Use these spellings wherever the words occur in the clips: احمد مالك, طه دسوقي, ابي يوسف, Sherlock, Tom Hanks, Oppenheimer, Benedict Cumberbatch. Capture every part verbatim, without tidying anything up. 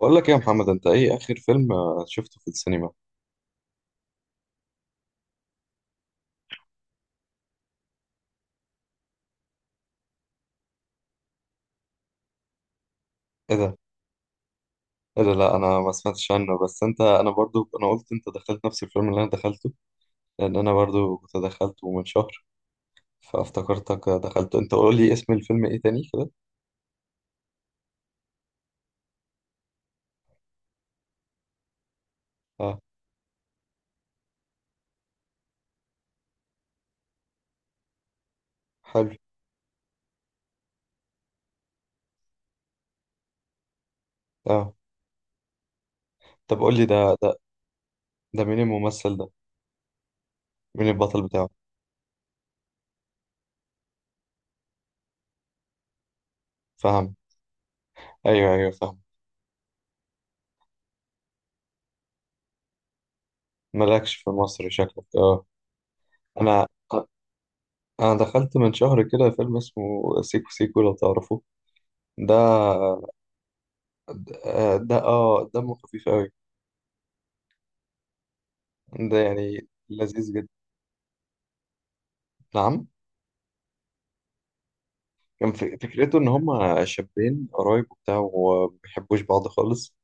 بقول لك ايه يا محمد، انت ايه اخر فيلم آه، شفته في السينما؟ ايه ده ايه ده لا انا ما سمعتش عنه، بس انت انا برضو انا قلت انت دخلت نفس الفيلم اللي انا دخلته. لان انا برضو كنت دخلته من شهر. فافتكرتك دخلته انت. قول لي اسم الفيلم ايه تاني كده؟ اه. حلو. اه. طب قول لي، ده ده ده مين الممثل ده؟ مين البطل بتاعه؟ فاهم. ايوه ايوه، فاهم. مالكش في مصر شكلك، اه. انا انا دخلت من شهر كده فيلم اسمه سيكو سيكو لو تعرفه. ده آه، ده اه دمه خفيف قوي. ده يعني لذيذ جدا. نعم. كان ف- فكرته ان هما شابين قرايب وبتاع، وما بيحبوش بعض خالص.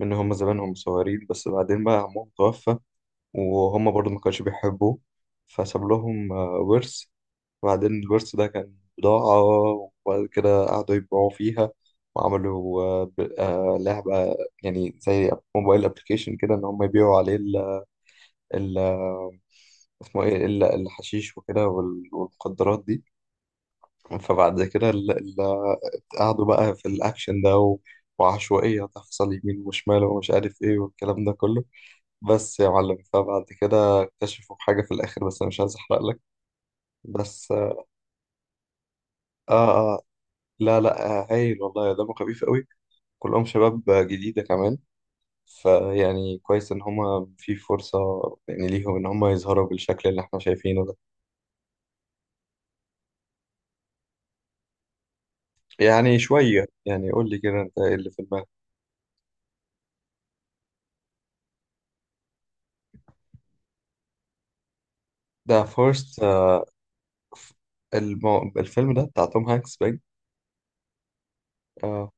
من هما زمانهم صغيرين، بس بعدين بقى عمهم توفى. وهما برضه ما كانوش بيحبوه. فساب لهم آه، ورث. وبعدين الورث ده كان بضاعة. وبعد كده قعدوا يبيعوا فيها. وعملوا آه، ب- آه، لعبة، يعني زي موبايل ابلكيشن كده، ان هما يبيعوا عليه ال اسمه ايه، الا الحشيش وكده وال- والمخدرات دي. فبعد كده اللي قعدوا بقى في الاكشن ده و- وعشوائية تحصل يمين وشمال ومش عارف ايه والكلام ده كله. بس يا معلم، فبعد كده اكتشفوا حاجة في الاخر، بس انا مش عايز احرق لك. بس اه. اه، لا لا، آه هايل والله، دمه خفيف قوي. كلهم شباب جديدة كمان. فيعني كويس ان هما في فرصة يعني ليهم، ان هما يظهروا بالشكل اللي احنا شايفينه ده. يعني شوية، يعني قول لي كده، انت ايه اللي في دماغك؟ ده فورست، المو... الفيلم ده بتاع توم هانكس باين. اه،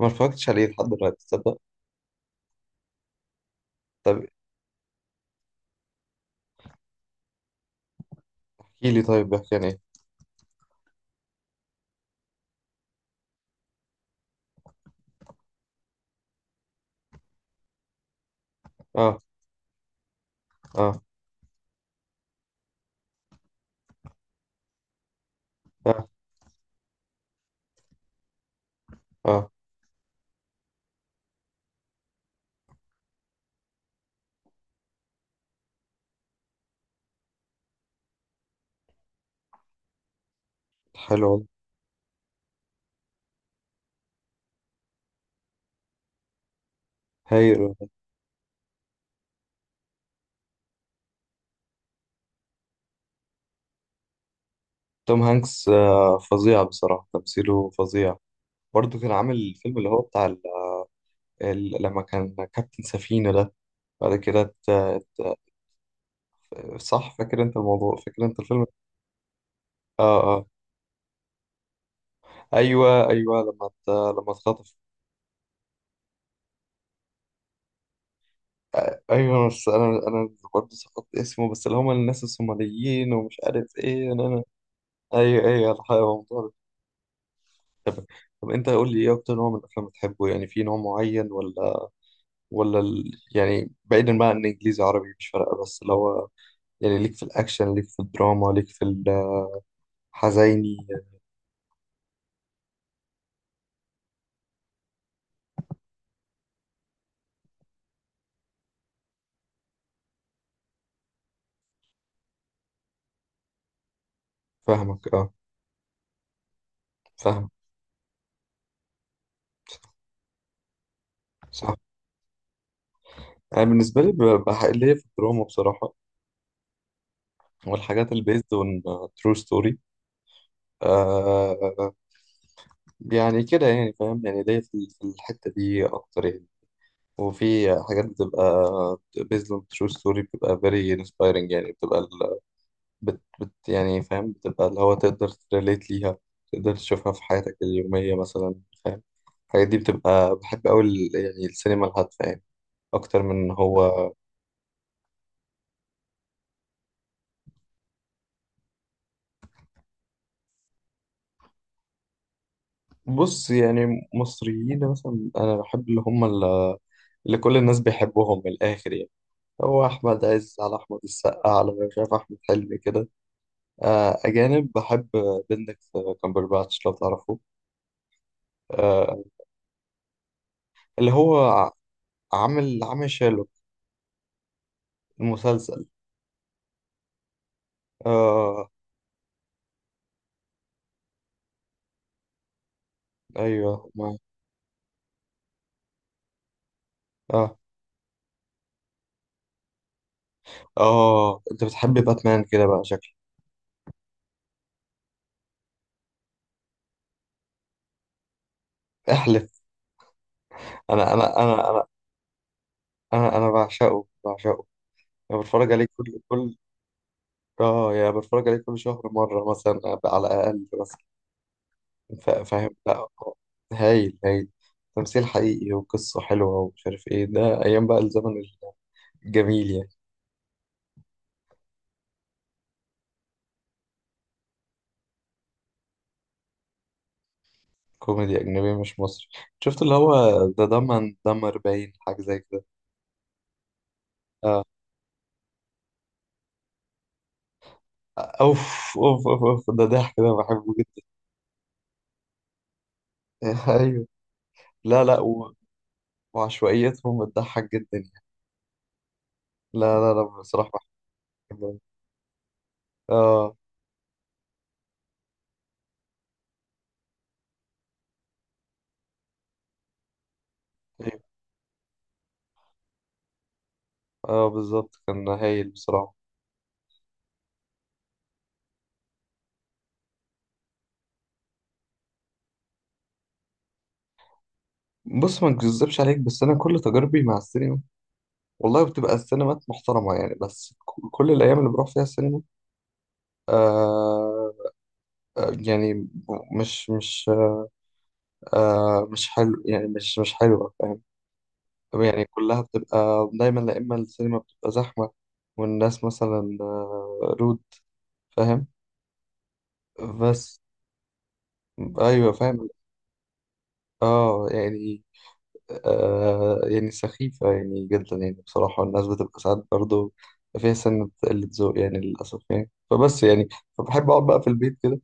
ما اتفرجتش عليه لحد دلوقتي، تصدق. طب احكي لي طيب، بيحكي عن ايه؟ اه، اه، اه، اه. حلو والله. هايل والله. توم هانكس آه فظيع بصراحة، تمثيله فظيع. برضه كان عامل الفيلم اللي هو بتاع ال... ال... لما كان كابتن سفينة ده. بعد كده ت... ت... صح، فاكر انت الموضوع؟ فاكر انت الفيلم؟ اه اه. ايوه ايوه، لما ت... لما اتخطف. ايوه، بس انا انا برضه سقطت اسمه، بس اللي هم الناس الصوماليين ومش عارف ايه، انا انا ايوه ايوه، الحقيقه هو موضوع ده. طب طب انت قول لي، ايه اكتر نوع من الافلام بتحبه؟ يعني في نوع معين ولا؟ ولا ال... يعني بعيدا بقى عن انجليزي عربي مش فارقه، بس اللي هو يعني، ليك في الاكشن، ليك في الدراما، ليك في الحزيني؟ فاهمك، اه، فاهم. صح، انا بالنسبه لي ببقى حق- ليا في الدراما بصراحه، والحاجات البيزد اون ترو ستوري، يعني كده، يعني فاهم، يعني ليا في في الحتة دي أكتر يعني. وفي حاجات بتبقى based on true story، بتبقى very inspiring، يعني بتبقى ال... بت... بت... يعني فاهم، بتبقى اللي هو تقدر تريليت ليها، تقدر تشوفها في حياتك اليومية مثلا، فاهم. الحاجات دي بتبقى بحب أوي ال- يعني السينما الهادفة يعني، أكتر من إن هو. بص، يعني مصريين مثلا أنا بحب اللي هم ال- اللي كل الناس بيحبوهم من الآخر، يعني هو أحمد عز، على أحمد السقا، على مش عارف، أحمد حلمي كده. آه، أجانب بحب بندكت كامبرباتش لو تعرفه. آه، اللي هو ع- عامل عامل شيرلوك، المسلسل. آه أيوه، ما. آه، آه، أنت بتحب باتمان كده بقى شكلك. احلف. أنا أنا أنا أنا أنا أنا بعشقه بعشقه. أنا بتفرج عليه كل كل آه يعني بتفرج عليه كل شهر مرة مثلا، على الأقل مثلا. فا- فاهم، لا هو هايل هايل، تمثيل حقيقي وقصة حلوة ومش عارف إيه، ده أيام بقى الزمن الجميل يعني. كوميدي أجنبي مش مصري، شفت اللي هو، ده دمن دمر باين، حاجة زي كده. أوف، أوف، أوف، أوف، ده ضحك، ده بحبه جدا. أيوه. لا لا، و... وعشوائيتهم بتضحك جدا يعني. لا لا لا، بصراحة. بحبه. آه أيوه. آه بالظبط، كان هايل بصراحة. بص، ما نكذبش عليك، بس أنا كل تجاربي مع السينما والله بتبقى السينمات محترمة، يعني بس ك- كل الأيام اللي بروح فيها السينما، آه آه، يعني مش مش آه مش حلو يعني، مش مش حلوة. يعني كلها بتبقى دايما، لا، إما السينما بتبقى زحمة والناس مثلا آه، رود، فاهم. بس أيوة، فاهم. اه يعني، آه يعني سخيفة يعني جدا، يعني بصراحة الناس بتبقى ساعات برضه فيها سنة قلة ذوق يعني للأسف يعني، فبس يعني فبحب أقعد بقى في البيت كده،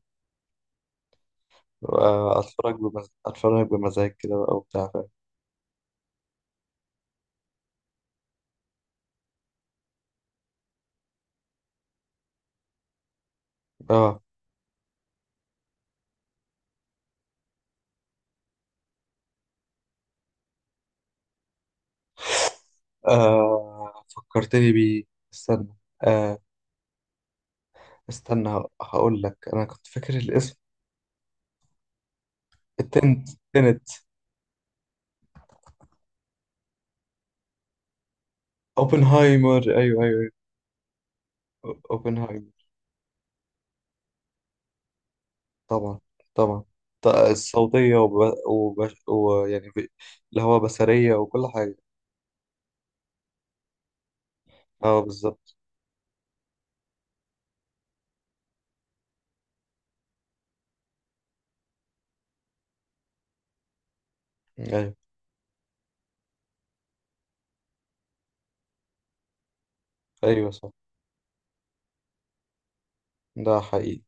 آه، أتفرج بمز... أتفرج بمزاج كده بقى وبتاع، فاهم. اه، آه، فكرتني بيه. استنى. آه، استنى، ه- هقول لك انا كنت فاكر الاسم. التنت تنت. اوبنهايمر، ايوه ايوه، أيوة. اوبنهايمر. طبعا، طبعا، ط- الصوتية وب... وب... ويعني ب... اللي هو بصرية وكل حاجة. اه بالظبط. ايوه ايوه صح. ده حقيقي.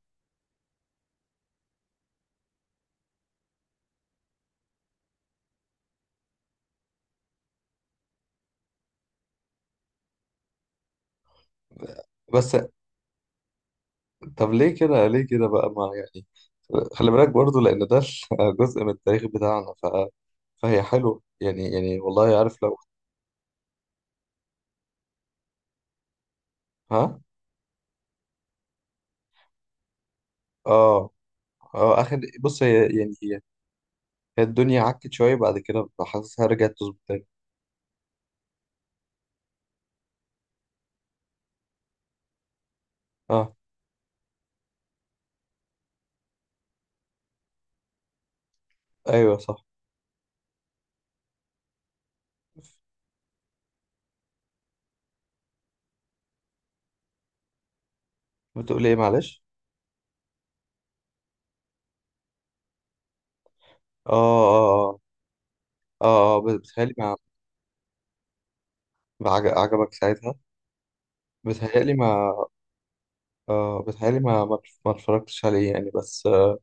بس طب ليه كده، ليه كده بقى، ما يعني خلي بالك برضو لان ده جزء من التاريخ بتاعنا، ف... فهي حلوة يعني يعني والله عارف لو. ها. اه اه، اخر، بص هي يعني، هي الدنيا عكت شوية بعد كده، ببقى حاسسها رجعت تظبط تاني. اه، ايوه صح. بتقول ايه، معلش؟ اه، اه، اه، اه. آه، بت- بتهيألي ما ما عج- عجبك ساعتها. بتهيألي ما، آه بتهيألي ما ما ما اتفرجتش عليه يعني، بس آه،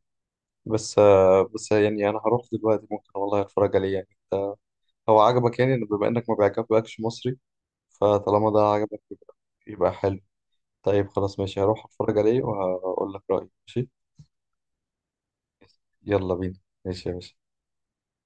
بس آه، بس يعني انا هروح دلوقتي، ممكن والله اتفرج عليه يعني. انت، هو عجبك يعني بما انك ما بيعجبكش مصري، فطالما ده عجبك، يبقى يبقى حلو. طيب خلاص ماشي، هروح اتفرج عليه وهقول لك رأيي، ماشي. يلا بينا. ماشي يا باشا.